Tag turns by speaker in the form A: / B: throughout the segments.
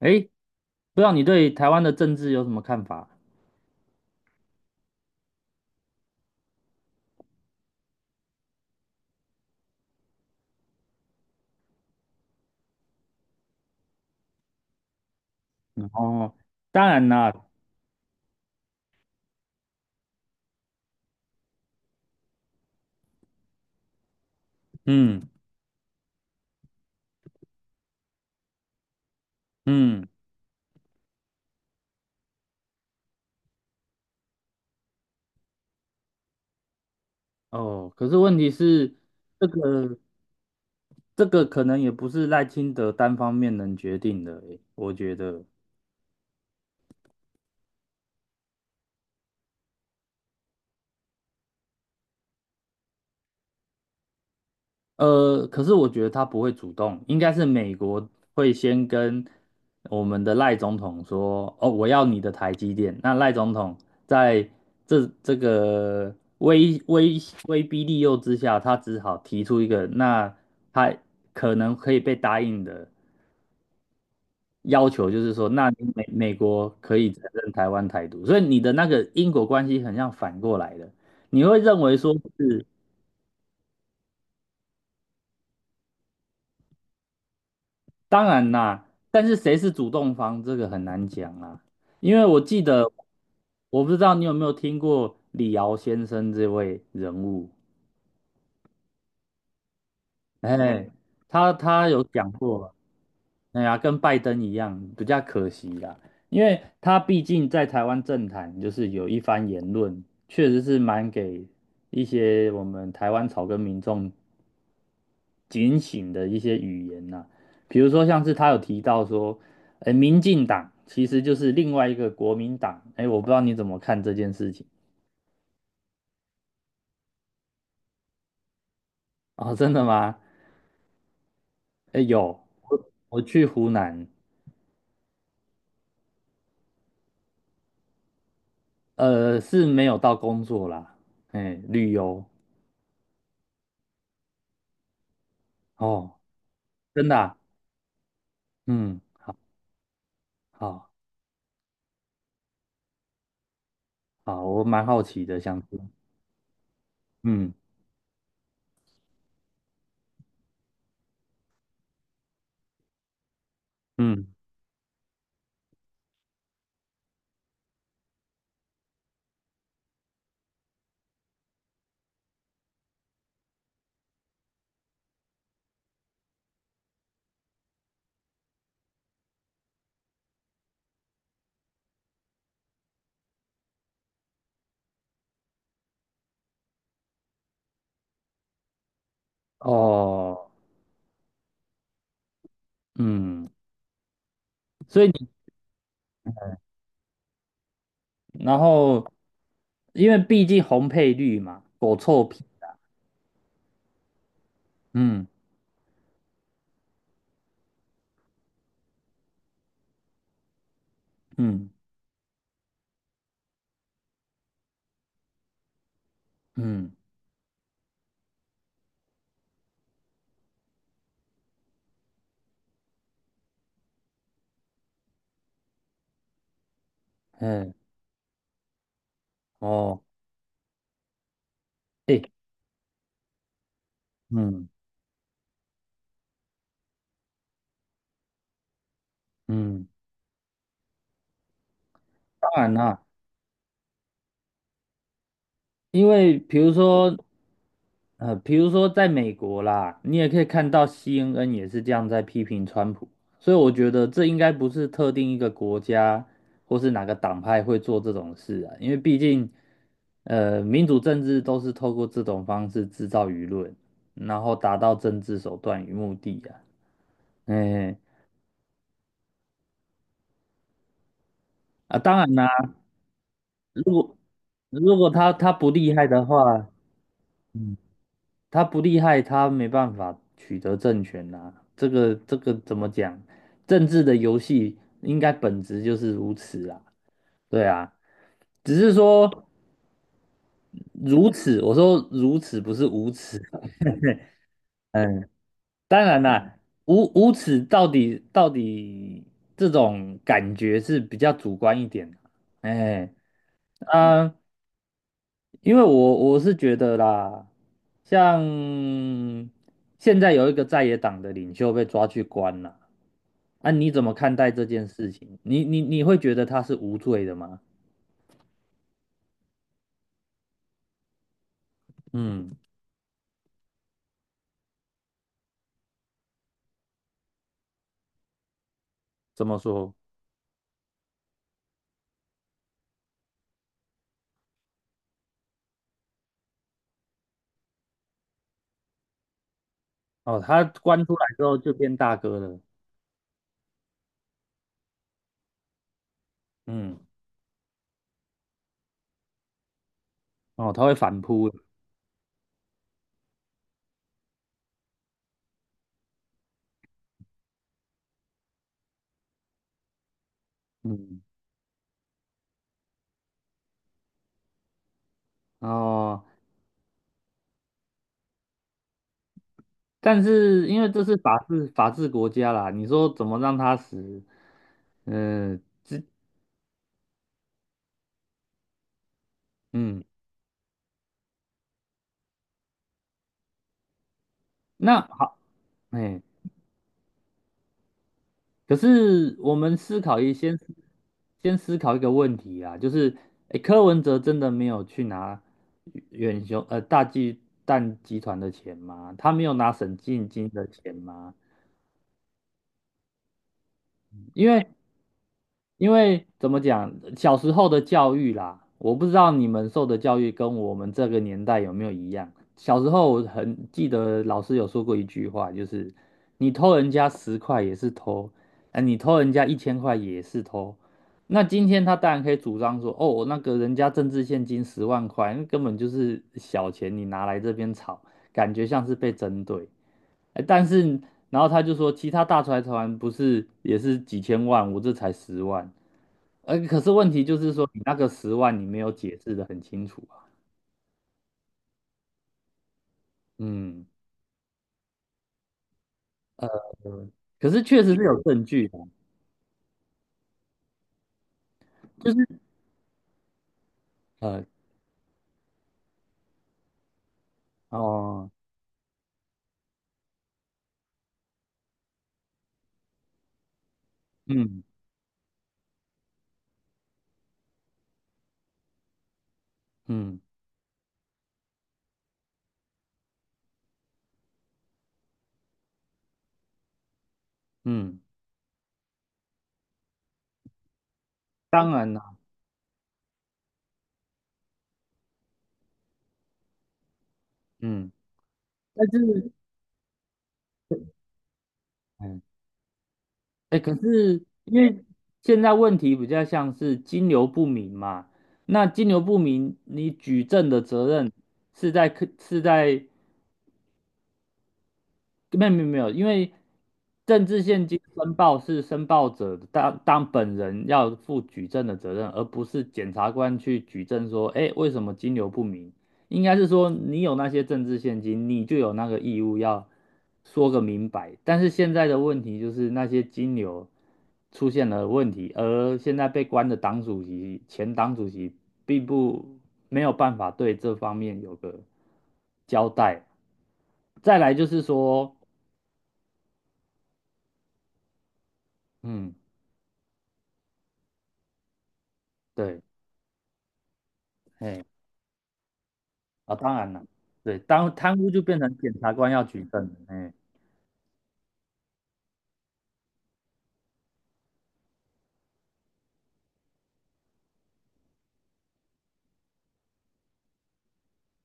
A: 诶，不知道你对台湾的政治有什么看法？然后，当然啦，嗯嗯，哦，可是问题是，这个这个可能也不是赖清德单方面能决定的，诶，我觉得，可是我觉得他不会主动，应该是美国会先跟我们的赖总统说，哦，我要你的台积电。那赖总统在这个威威威逼利诱之下，他只好提出一个，那他可能可以被答应的要求，就是说，那你美国可以承认台湾台独。所以你的那个因果关系很像反过来的，你会认为说是。当然啦，但是谁是主动方，这个很难讲啊。因为我记得，我不知道你有没有听过李敖先生这位人物，哎，他有讲过，哎呀，跟拜登一样，比较可惜啦，因为他毕竟在台湾政坛就是有一番言论，确实是蛮给一些我们台湾草根民众警醒的一些语言呐、啊比如说像是他有提到说，民进党其实就是另外一个国民党，哎，我不知道你怎么看这件事情哦，真的吗？哎，有，我去湖南，是没有到工作啦，哎，旅游哦，真的啊嗯，好，好，好，我蛮好奇的，想是嗯嗯，哦，嗯，所以你然后因为毕竟红配绿嘛，狗臭屁，嗯。嗯嗯嗯哦，诶，嗯嗯，当然啦，因为比如说，比如说在美国啦，你也可以看到 CNN 也是这样在批评川普，所以我觉得这应该不是特定一个国家或是哪个党派会做这种事啊，因为毕竟，民主政治都是透过这种方式制造舆论，然后达到政治手段与目的啊，哎。啊，当然啦，如果如果他不厉害的话，嗯，他不厉害，他没办法取得政权呐、这个怎么讲？政治的游戏应该本质就是如此啊。对啊，只是说如此，我说如此不是无耻啊。嗯，当然啦，无耻到底这种感觉是比较主观一点的。哎，啊、因为我是觉得啦，像现在有一个在野党的领袖被抓去关了，啊，你怎么看待这件事情？你会觉得他是无罪的吗？嗯，怎么说？哦，他关出来之后就变大哥了，嗯，哦，他会反扑了，嗯，哦，但是因为这是法治国家啦，你说怎么让他死？嗯嗯，那好，哎。可是我们思考一先先思考一个问题啊，就是，诶，柯文哲真的没有去拿远雄大巨蛋集团的钱吗？他没有拿沈进金的钱吗？因为因为怎么讲，小时候的教育啦，我不知道你们受的教育跟我们这个年代有没有一样。小时候我很记得老师有说过一句话，就是你偷人家10块也是偷，啊，你偷人家1000块也是偷。那今天他当然可以主张说，哦，那个人家政治现金10万块，那根本就是小钱，你拿来这边炒，感觉像是被针对。哎，但是然后他就说，其他大财团不是也是几千万，我这才十万。可是问题就是说，你那个十万你没有解释的很清楚啊。嗯，可是确实是有证据的，就是呃，哦，嗯嗯嗯，当然啦，嗯，但是嗯，哎，可是因为现在问题比较像是金流不明嘛，那金流不明，你举证的责任是在客是在没有没有没有，因为政治现金申报是申报者当本人要负举证的责任，而不是检察官去举证说，哎，为什么金流不明？应该是说你有那些政治现金，你就有那个义务要说个明白。但是现在的问题就是那些金流出现了问题，而现在被关的党主席、前党主席并不没有办法对这方面有个交代。再来就是说。嗯，对，哎，啊，当然了，对，当贪污就变成检察官要举证了，哎，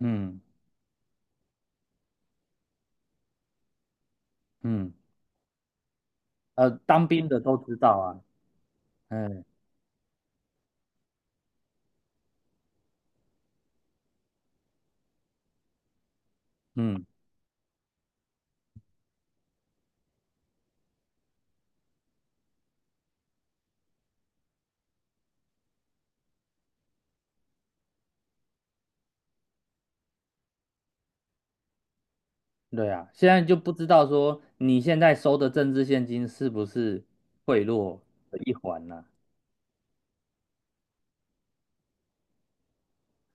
A: 嗯嗯，当兵的都知道啊，哎，嗯，对啊，现在就不知道说你现在收的政治现金是不是贿赂的一环呢、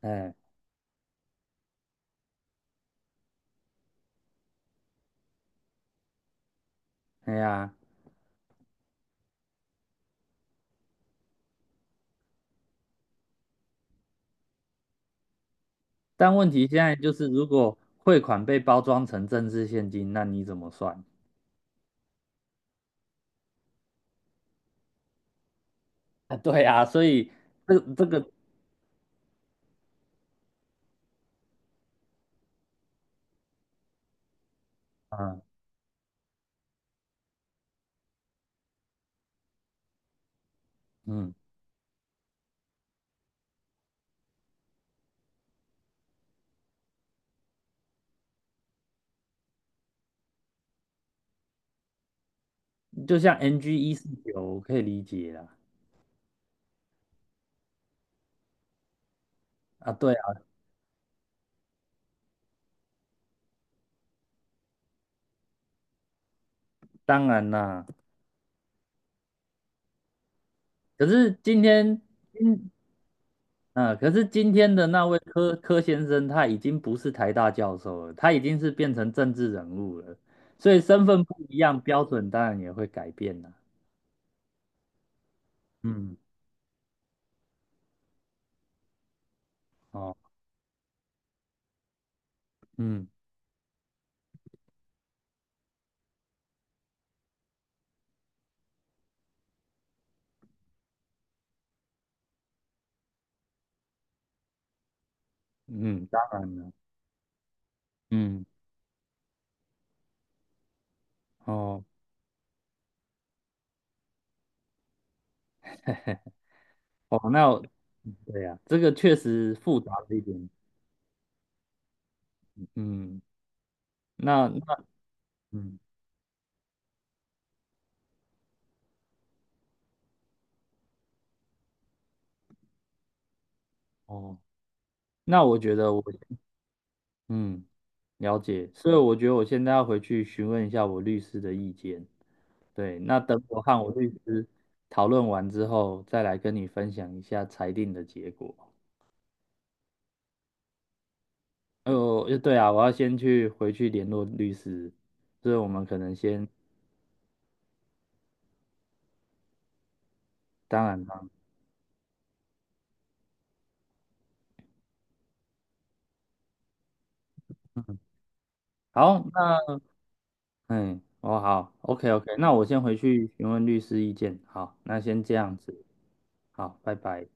A: 哎，哎呀，但问题现在就是，如果汇款被包装成政治现金，那你怎么算？啊，对啊，所以这个，啊，嗯，就像 NG149，我可以理解啦。啊，对啊当然啦，可是今天，嗯，啊可是今天的那位柯先生，他已经不是台大教授了，他已经是变成政治人物了，所以身份不一样，标准当然也会改变啦。嗯，哦，嗯嗯，当然了，嗯，哦哦，那我对呀、这个确实复杂了一点。嗯，那嗯，哦，那我觉得我，嗯。了解，所以我觉得我现在要回去询问一下我律师的意见。对，那等我和我律师讨论完之后，再来跟你分享一下裁定的结果。哦，对啊，我要先去回去联络律师，所以我们可能先，当然啦，好，那嗯，哦好，OK OK，那我先回去询问律师意见。好，那先这样子，好，拜拜。